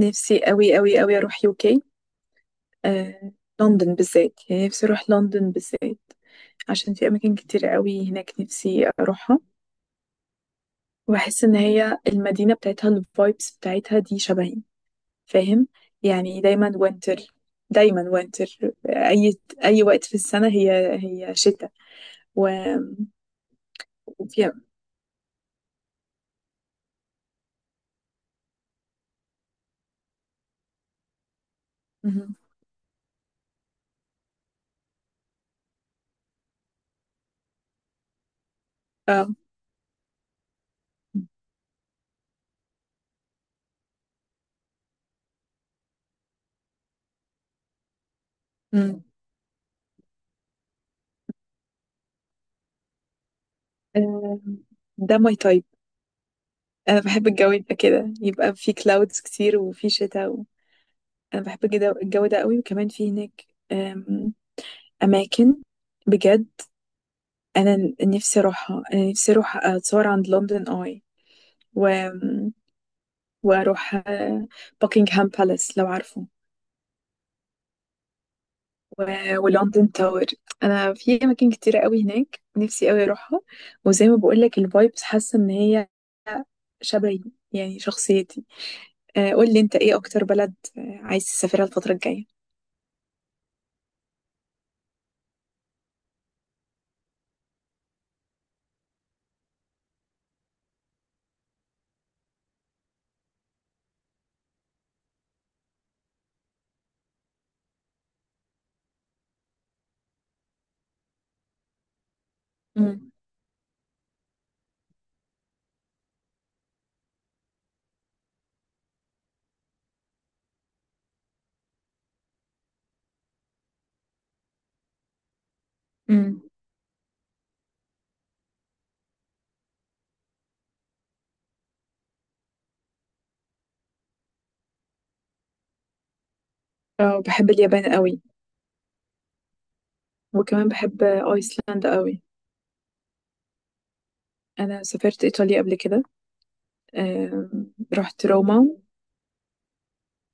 نفسي قوي قوي قوي اروح يوكي. آه، لندن بالذات، يعني نفسي اروح لندن بالذات عشان في اماكن كتير قوي هناك نفسي اروحها. واحس ان هي المدينه بتاعتها، الفايبس بتاعتها دي شبهي، فاهم؟ يعني دايما وينتر، دايما وينتر. اي اي وقت في السنه هي هي شتاء. و- وفيها مهم. اه. مم. آه، ده ماي تايب. انا بحب الجو يبقى كده، يبقى في كلاودز كتير وفي شتاء. انا بحب جدا الجو ده قوي. وكمان في هناك أم، اماكن بجد انا نفسي اروحها. انا نفسي اروح اتصور عند لندن اي و... واروح باكنغهام بالاس، لو عارفه، و... ولندن تاور. انا في اماكن كتيره قوي هناك نفسي قوي اروحها. وزي ما بقول لك، الفايبس حاسه ان هي شبهي، يعني شخصيتي. آه، قول لي انت ايه اكتر بلد آه، عايز تسافرها الفتره الجايه. امم امم. اه بحب اليابان قوي وكمان بحب ايسلندا قوي. انا سافرت ايطاليا قبل كده. رحت روما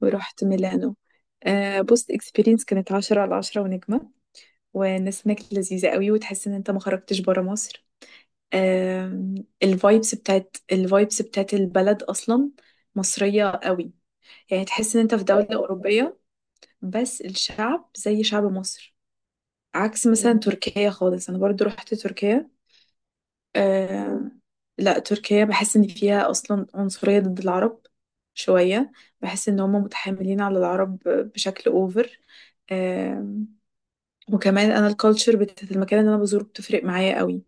ورحت ميلانو. آه، بص، اكسبيرينس كانت عشرة على عشرة ونجمة. والناس هناك لذيذة قوي، وتحس ان انت ما خرجتش برا مصر. الفايبس بتاعت الفايبس بتاعت البلد اصلا مصرية قوي، يعني تحس ان انت في دولة اوروبية، بس الشعب زي شعب مصر. عكس مثلا تركيا خالص. انا برضو رحت تركيا. آه، لا، تركيا بحس ان فيها اصلا عنصرية ضد العرب شوية. بحس ان هم متحاملين على العرب بشكل اوفر. وكمان انا الكالتشر بتاعت المكان اللي انا بزوره بتفرق معايا قوي.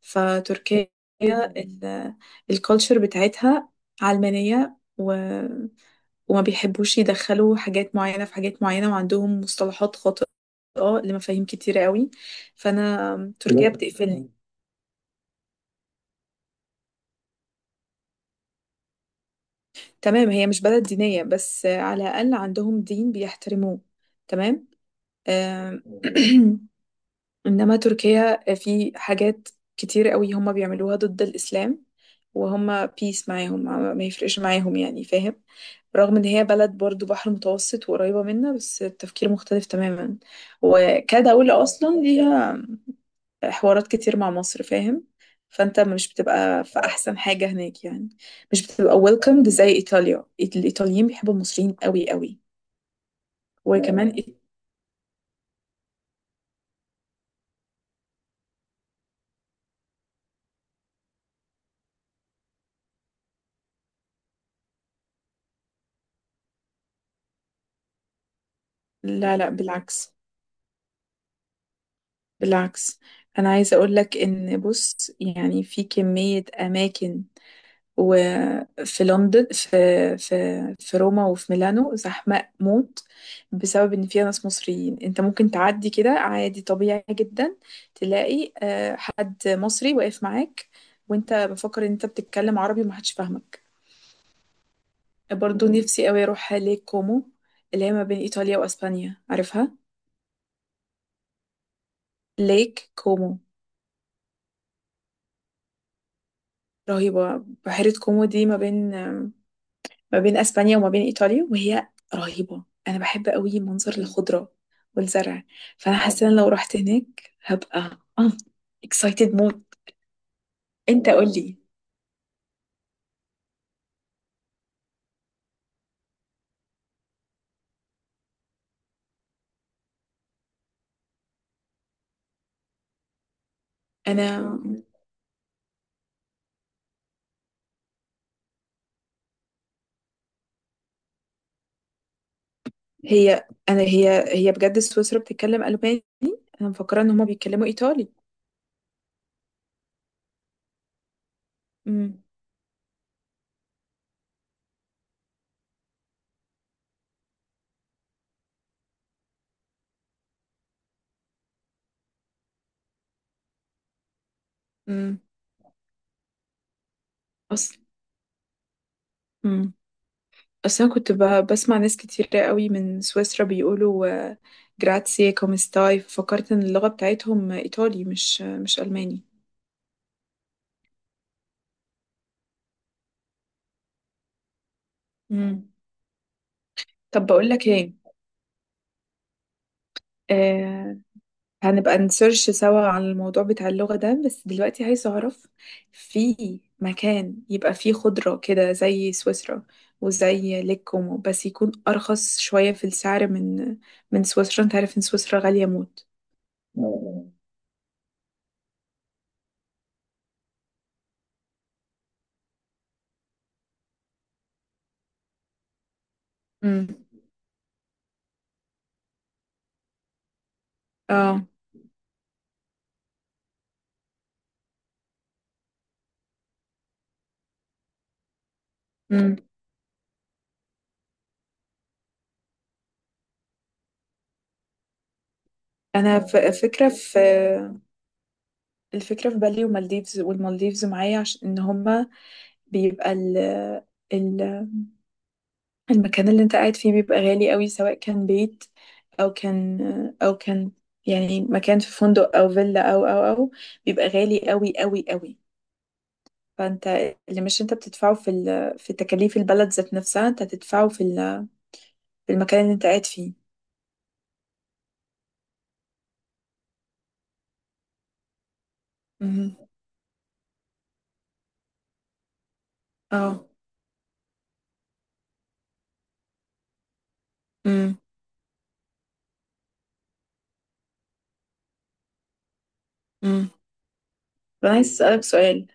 فتركيا ال- الكالتشر بتاعتها علمانية وما بيحبوش يدخلوا حاجات معينة في حاجات معينة، وعندهم مصطلحات خاطئة لمفاهيم كتيرة قوي. فانا تركيا بتقفلني. تمام، هي مش بلد دينية، بس على الاقل عندهم دين بيحترموه. تمام. آم، إنما تركيا آه، في حاجات كتير قوي هم بيعملوها ضد الإسلام. وهم بيس معاهم، ما يفرقش معاهم، يعني فاهم. رغم إن هي بلد برضو بحر متوسط وقريبة منا، بس التفكير مختلف تماما. وكدولة أصلا ليها حوارات كتير مع مصر، فاهم. فأنت مش بتبقى في أحسن حاجة هناك يعني. مش بتبقى welcomed زي إيطاليا. الإيطاليين بيحبوا المصريين قوي قوي. وكمان لا لا، بالعكس، بالعكس. انا عايزه اقول لك ان، بص يعني، في كميه اماكن وفي لندن في في روما وفي ميلانو زحمه موت بسبب ان فيها ناس مصريين. انت ممكن تعدي كده عادي طبيعي جدا، تلاقي آه، حد مصري واقف معاك وانت بفكر ان انت بتتكلم عربي ومحدش فاهمك. برضو نفسي قوي اروح ليك كومو، اللي هي ما بين ايطاليا واسبانيا، عارفها؟ ليك كومو. رهيبه، بحيره كومو دي ما بين، ما بين اسبانيا وما بين ايطاليا، وهي رهيبه. انا بحب قوي منظر الخضره والزرع. فانا حاسه ان لو رحت هناك هبقى اه اكسايتد موت. انت قول لي. انا هي بجد سويسرا بتتكلم الماني؟ انا مفكره ان هما بيتكلموا ايطالي. امم امم اصلا امم. اصلا كنت بسمع ناس كتير قوي من سويسرا بيقولوا آه، جراتسي كومستاي، فكرت ان اللغه بتاعتهم ايطالي مش مش الماني. امم. طب بقول لك ايه آه، هنبقى نسيرش سوا عن الموضوع بتاع اللغة ده، بس دلوقتي عايز أعرف، في مكان يبقى فيه خضرة كده زي سويسرا وزي ليك كومو، بس يكون أرخص شوية في السعر من من سويسرا؟ أنت عارف إن سويسرا غالية موت. آه، امم اه امم. أنا آه. فكرة في الفكرة في بالي ومالديفز، والمالديفز معايا، عشان إن هما بيبقى ال المكان اللي انت قاعد فيه بيبقى غالي قوي، سواء كان بيت او كان او كان، يعني مكان في فندق او فيلا او او او، بيبقى غالي قوي قوي قوي. فانت اللي مش انت بتدفعه في ال... في تكاليف البلد ذات نفسها، انت هتدفعه في ال... في المكان اللي انت قاعد فيه. مهم. اه امم امم. انا عايز اسالك سؤال،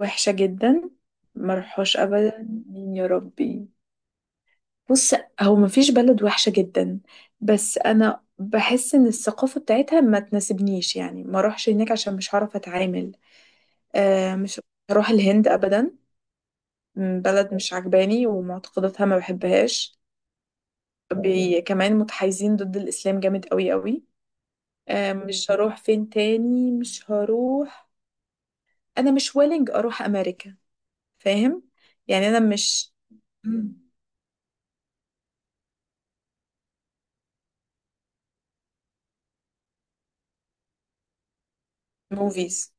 وحشة جدا ما روحوش ابدا مين يا ربي؟ بص، هو مفيش بلد وحشة جدا، بس أنا بحس إن الثقافة بتاعتها ما تناسبنيش، يعني ما أروحش هناك عشان مش هعرف أتعامل. آه مش هروح الهند أبدا. م، بلد مش عجباني ومعتقداتها ما بحبهاش. بي كمان متحيزين ضد الإسلام جامد قوي قوي. آه، مش هروح فين تاني مش هروح، أنا مش ويلنج أروح أمريكا، فاهم، يعني أنا مش موفيز.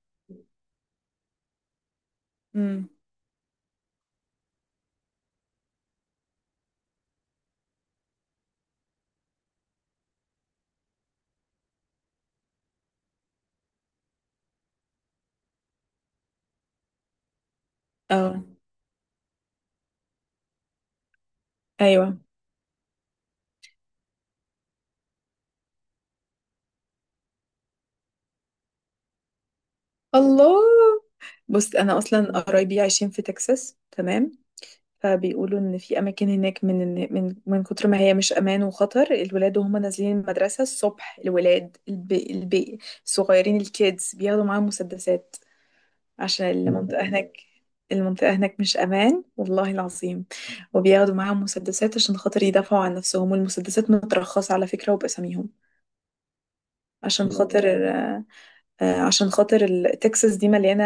اه ايوه. الله. بص انا اصلا قرايبي عايشين في تكساس، تمام؟ فبيقولوا ان في اماكن هناك من من من كتر ما هي مش امان وخطر، الولاد وهم نازلين المدرسه الصبح، الولاد الصغيرين الكيدز، بياخدوا معاهم مسدسات عشان المنطقه هناك، المنطقه هناك مش امان والله العظيم. وبياخدوا معاهم مسدسات عشان خاطر يدافعوا عن نفسهم. والمسدسات مترخصه على فكره وباساميهم، عشان خاطر آه، آه، عشان خاطر تكساس دي مليانه،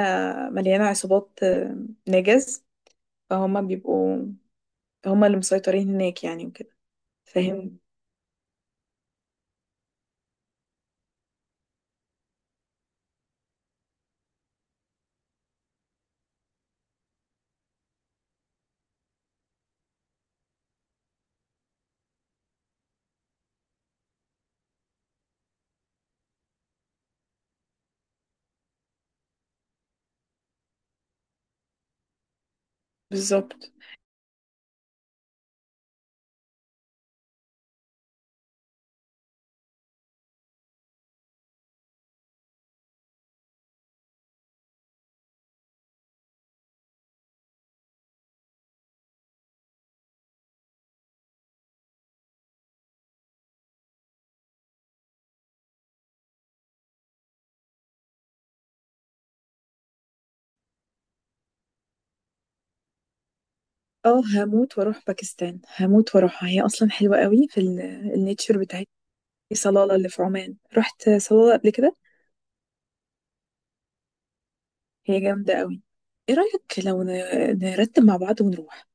مليانه عصابات آه، نجس. فهما بيبقوا، هما اللي مسيطرين هناك يعني وكده، فاهم. بالظبط. اه هموت واروح باكستان، هموت واروحها، هي اصلا حلوه قوي في النيتشر بتاعت صلاله اللي في عمان. رحت صلاله قبل كده، هي جامده قوي. ايه رايك لو نرتب مع بعض ونروح؟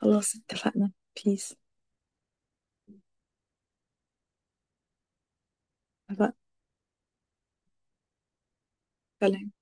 خلاص، اتفقنا. بيس. اتفقنا. سلام.